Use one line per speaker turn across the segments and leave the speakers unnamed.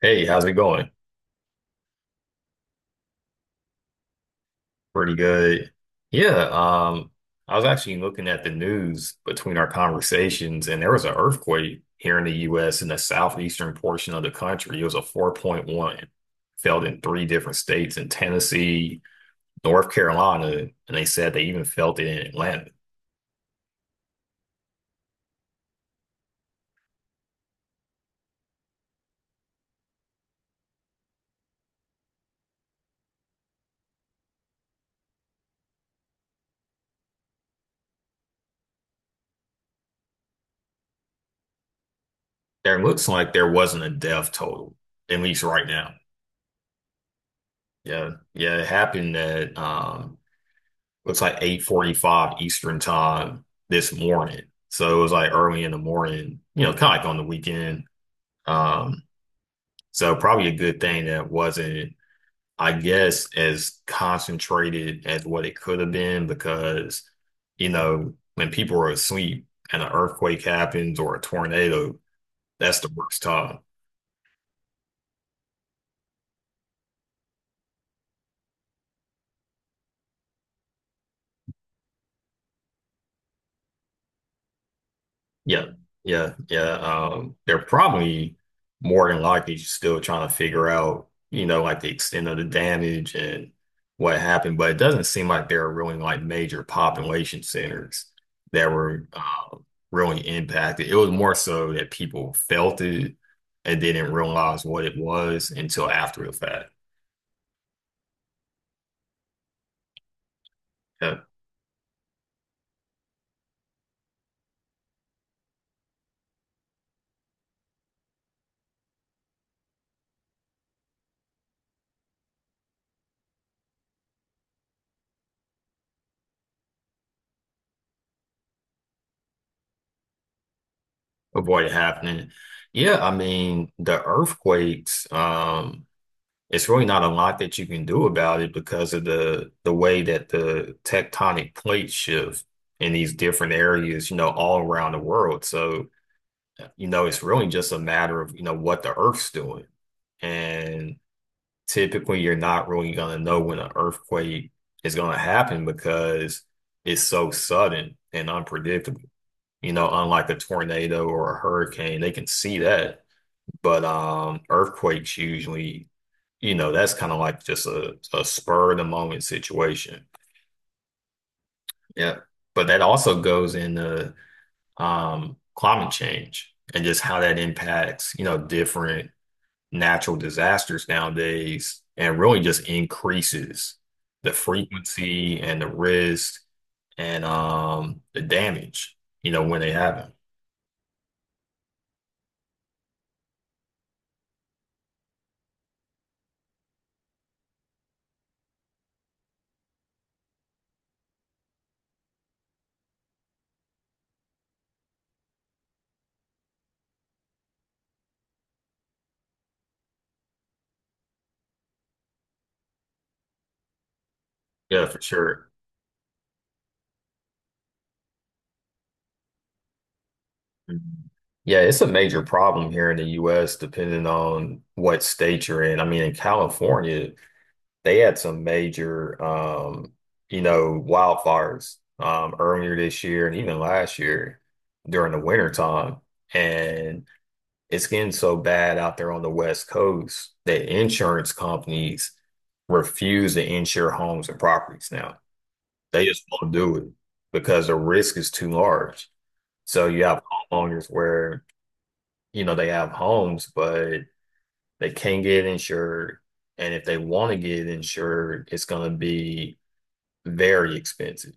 Hey, how's it going? Pretty good. Yeah, um, I was actually looking at the news between our conversations, and there was an earthquake here in the US in the southeastern portion of the country. It was a 4.1, felt in three different states in Tennessee, North Carolina, and they said they even felt it in Atlanta. There looks like there wasn't a death total, at least right now. Yeah, yeah, it happened at looks like 8:45 Eastern time this morning. So it was like early in the morning, you know, kind of like on the weekend. Um, so probably a good thing that wasn't, I guess, as concentrated as what it could have been because, you know, when people are asleep and an earthquake happens or a tornado, that's the worst time. Yeah, yeah, yeah. They're probably more than likely still trying to figure out, you know, like the extent of the damage and what happened. But it doesn't seem like there are really like major population centers that were really impacted. It was more so that people felt it and didn't realize what it was until after the fact. Yeah, avoid it happening. Yeah, I mean, the earthquakes, it's really not a lot that you can do about it because of the way that the tectonic plates shift in these different areas, you know, all around the world. So, you know, it's really just a matter of, you know, what the Earth's doing. And typically you're not really going to know when an earthquake is going to happen because it's so sudden and unpredictable. You know, unlike a tornado or a hurricane, they can see that but earthquakes usually, you know, that's kind of like just a spur of the moment situation. Yeah. But that also goes into climate change and just how that impacts, you know, different natural disasters nowadays and really just increases the frequency and the risk and the damage, you know, when they happen. Yeah, for sure. Mhm. Yeah, it's a major problem here in the US, depending on what state you're in. I mean, in California, they had some major, you know, wildfires earlier this year and even last year during the winter time. And it's getting so bad out there on the West Coast that insurance companies refuse to insure homes and properties now. They just won't do it because the risk is too large. So you have homeowners where you know, they have homes, but they can't get insured. And if they want to get insured, it's going to be very expensive.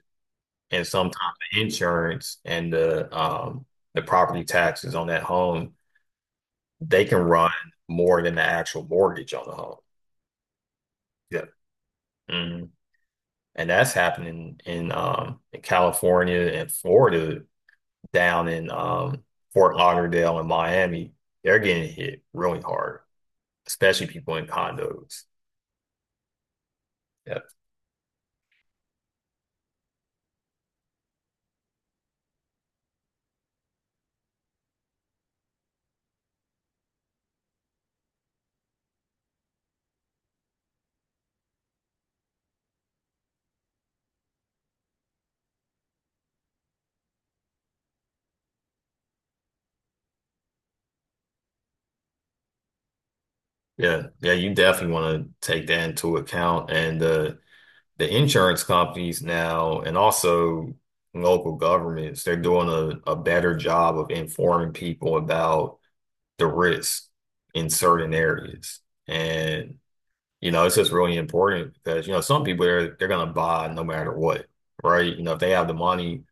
And sometimes the insurance and the property taxes on that home, they can run more than the actual mortgage on the home. Yeah. Mhm. And that's happening in California and Florida, down in Fort Lauderdale and Miami. They're getting hit really hard, especially people in condos. Yeah. Yeah, yeah, you definitely want to take that into account. And the insurance companies now and also local governments, they're doing a better job of informing people about the risk in certain areas. And you know, it's just really important because you know, some people they're gonna buy no matter what, right? You know, if they have the money,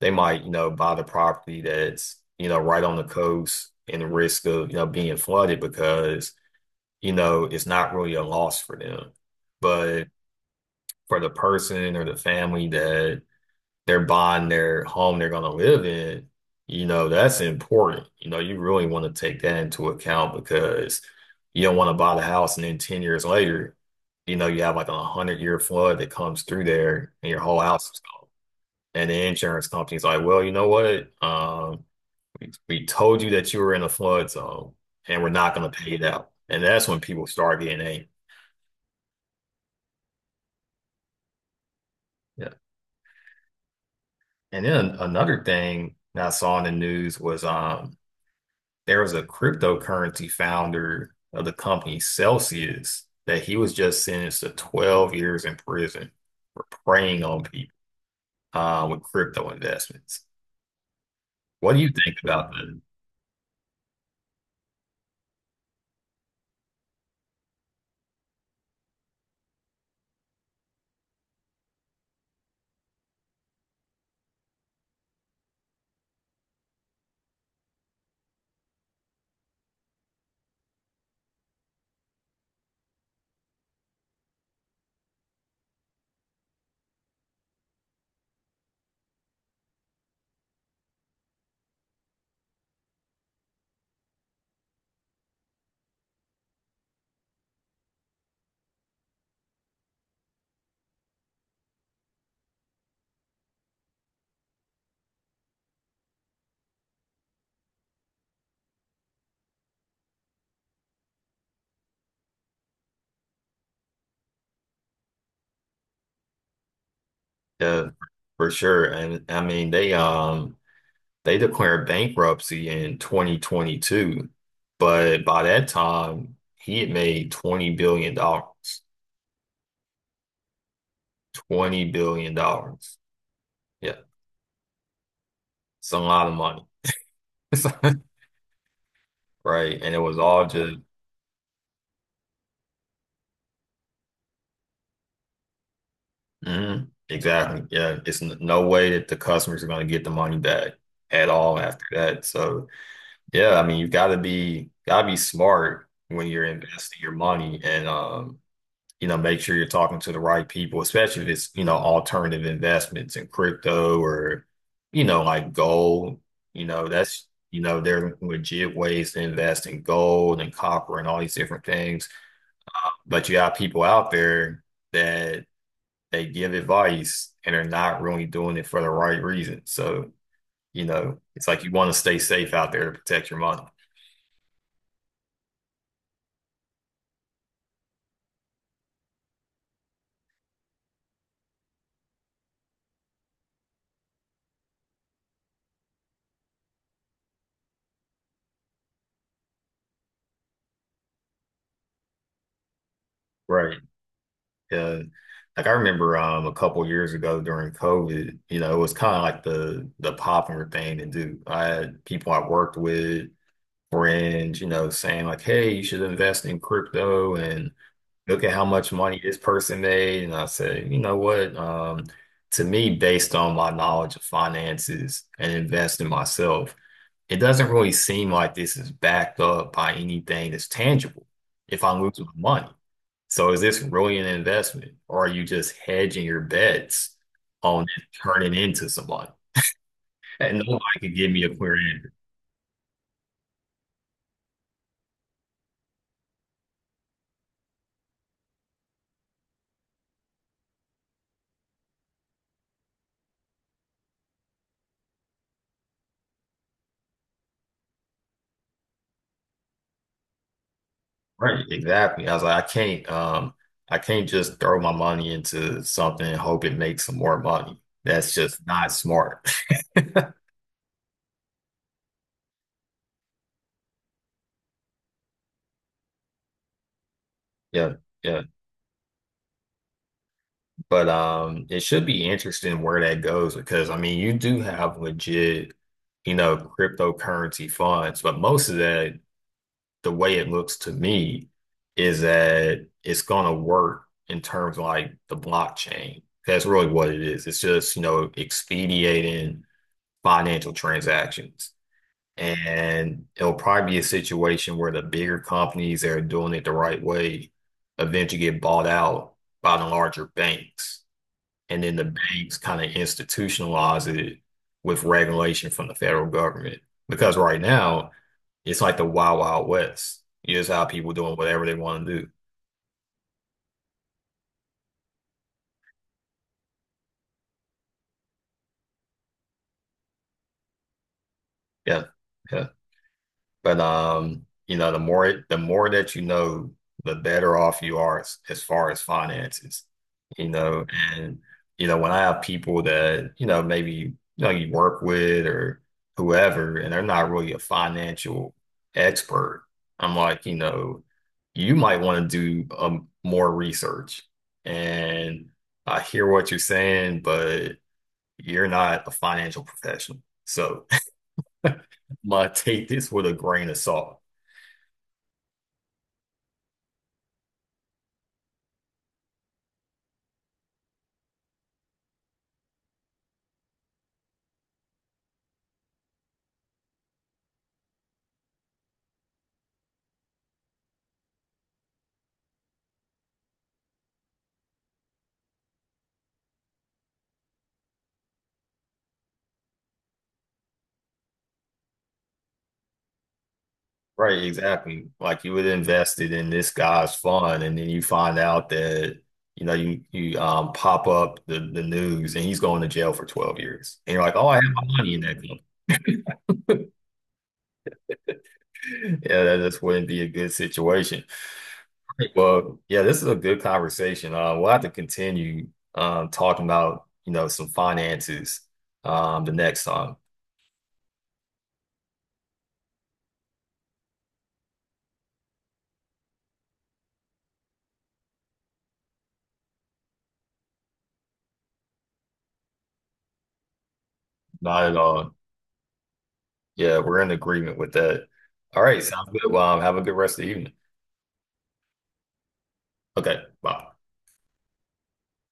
they might, you know, buy the property that's, you know, right on the coast and the risk of, you know, being flooded because you know, it's not really a loss for them. But for the person or the family that they're buying their home they're going to live in, you know, that's important. You know, you really want to take that into account because you don't want to buy the house and then 10 years later, you know, you have like a 100-year flood that comes through there and your whole house is gone. And the insurance company's like, well, you know what? We told you that you were in a flood zone and we're not going to pay it out. And that's when people start getting angry. And then another thing that I saw in the news was there was a cryptocurrency founder of the company Celsius that he was just sentenced to 12 years in prison for preying on people with crypto investments. What do you think about that? Yeah, for sure. And I mean they declared bankruptcy in 2022, but by that time he had made 20 billion dollars. 20 billion dollars. Yeah. It's a lot of money, right? And it was all just, mhm, exactly. Yeah, it's n no way that the customers are going to get the money back at all after that. So, yeah, I mean, you got to be smart when you're investing your money and you know, make sure you're talking to the right people, especially if it's, you know, alternative investments in crypto or, you know, like gold. You know, that's, you know, there are legit ways to invest in gold and copper and all these different things. But you got people out there that they give advice and are not really doing it for the right reason. So, you know, it's like you want to stay safe out there to protect your money. Right. Uh, like I remember a couple years ago during COVID, you know, it was kind of like the popular thing to do. I had people I worked with, friends, you know, saying like, hey, you should invest in crypto and look at how much money this person made. And I said, you know what? To me, based on my knowledge of finances and investing myself, it doesn't really seem like this is backed up by anything that's tangible if I lose my money. So is this really an investment, or are you just hedging your bets on it turning into someone? And nobody could give me a clear. Right, exactly. I was like, I can't just throw my money into something and hope it makes some more money. That's just not smart. Yeah, yeah. But it should be interesting where that goes because I mean, you do have legit, you know, cryptocurrency funds, but most of that, the way it looks to me, is that it's gonna work in terms of like the blockchain. That's really what it is. It's just, you know, expediting financial transactions. And it'll probably be a situation where the bigger companies that are doing it the right way eventually get bought out by the larger banks. And then the banks kind of institutionalize it with regulation from the federal government. Because right now, it's like the wild, wild west. You just have people doing whatever they want to do. Yeah. Yeah. But you know, the more that you know, the better off you are as far as finances. You know, and you know, when I have people that, you know, maybe you know you work with or whoever, and they're not really a financial expert, I'm like, you know, you might want to do more research. And I hear what you're saying, but you're not a financial professional. So, my take this with a grain of salt. Right, exactly. Like you would invested in this guy's fund, and then you find out that you know you pop up the news, and he's going to jail for 12 years, and you're like, oh, I had my money in that company. Yeah, that just wouldn't be a good situation. Right, well, yeah, this is a good conversation. We'll have to continue talking about you know some finances the next time. Not at all. Yeah, we're in agreement with that. All right, sounds good. Have a good rest of the evening. Okay, bye.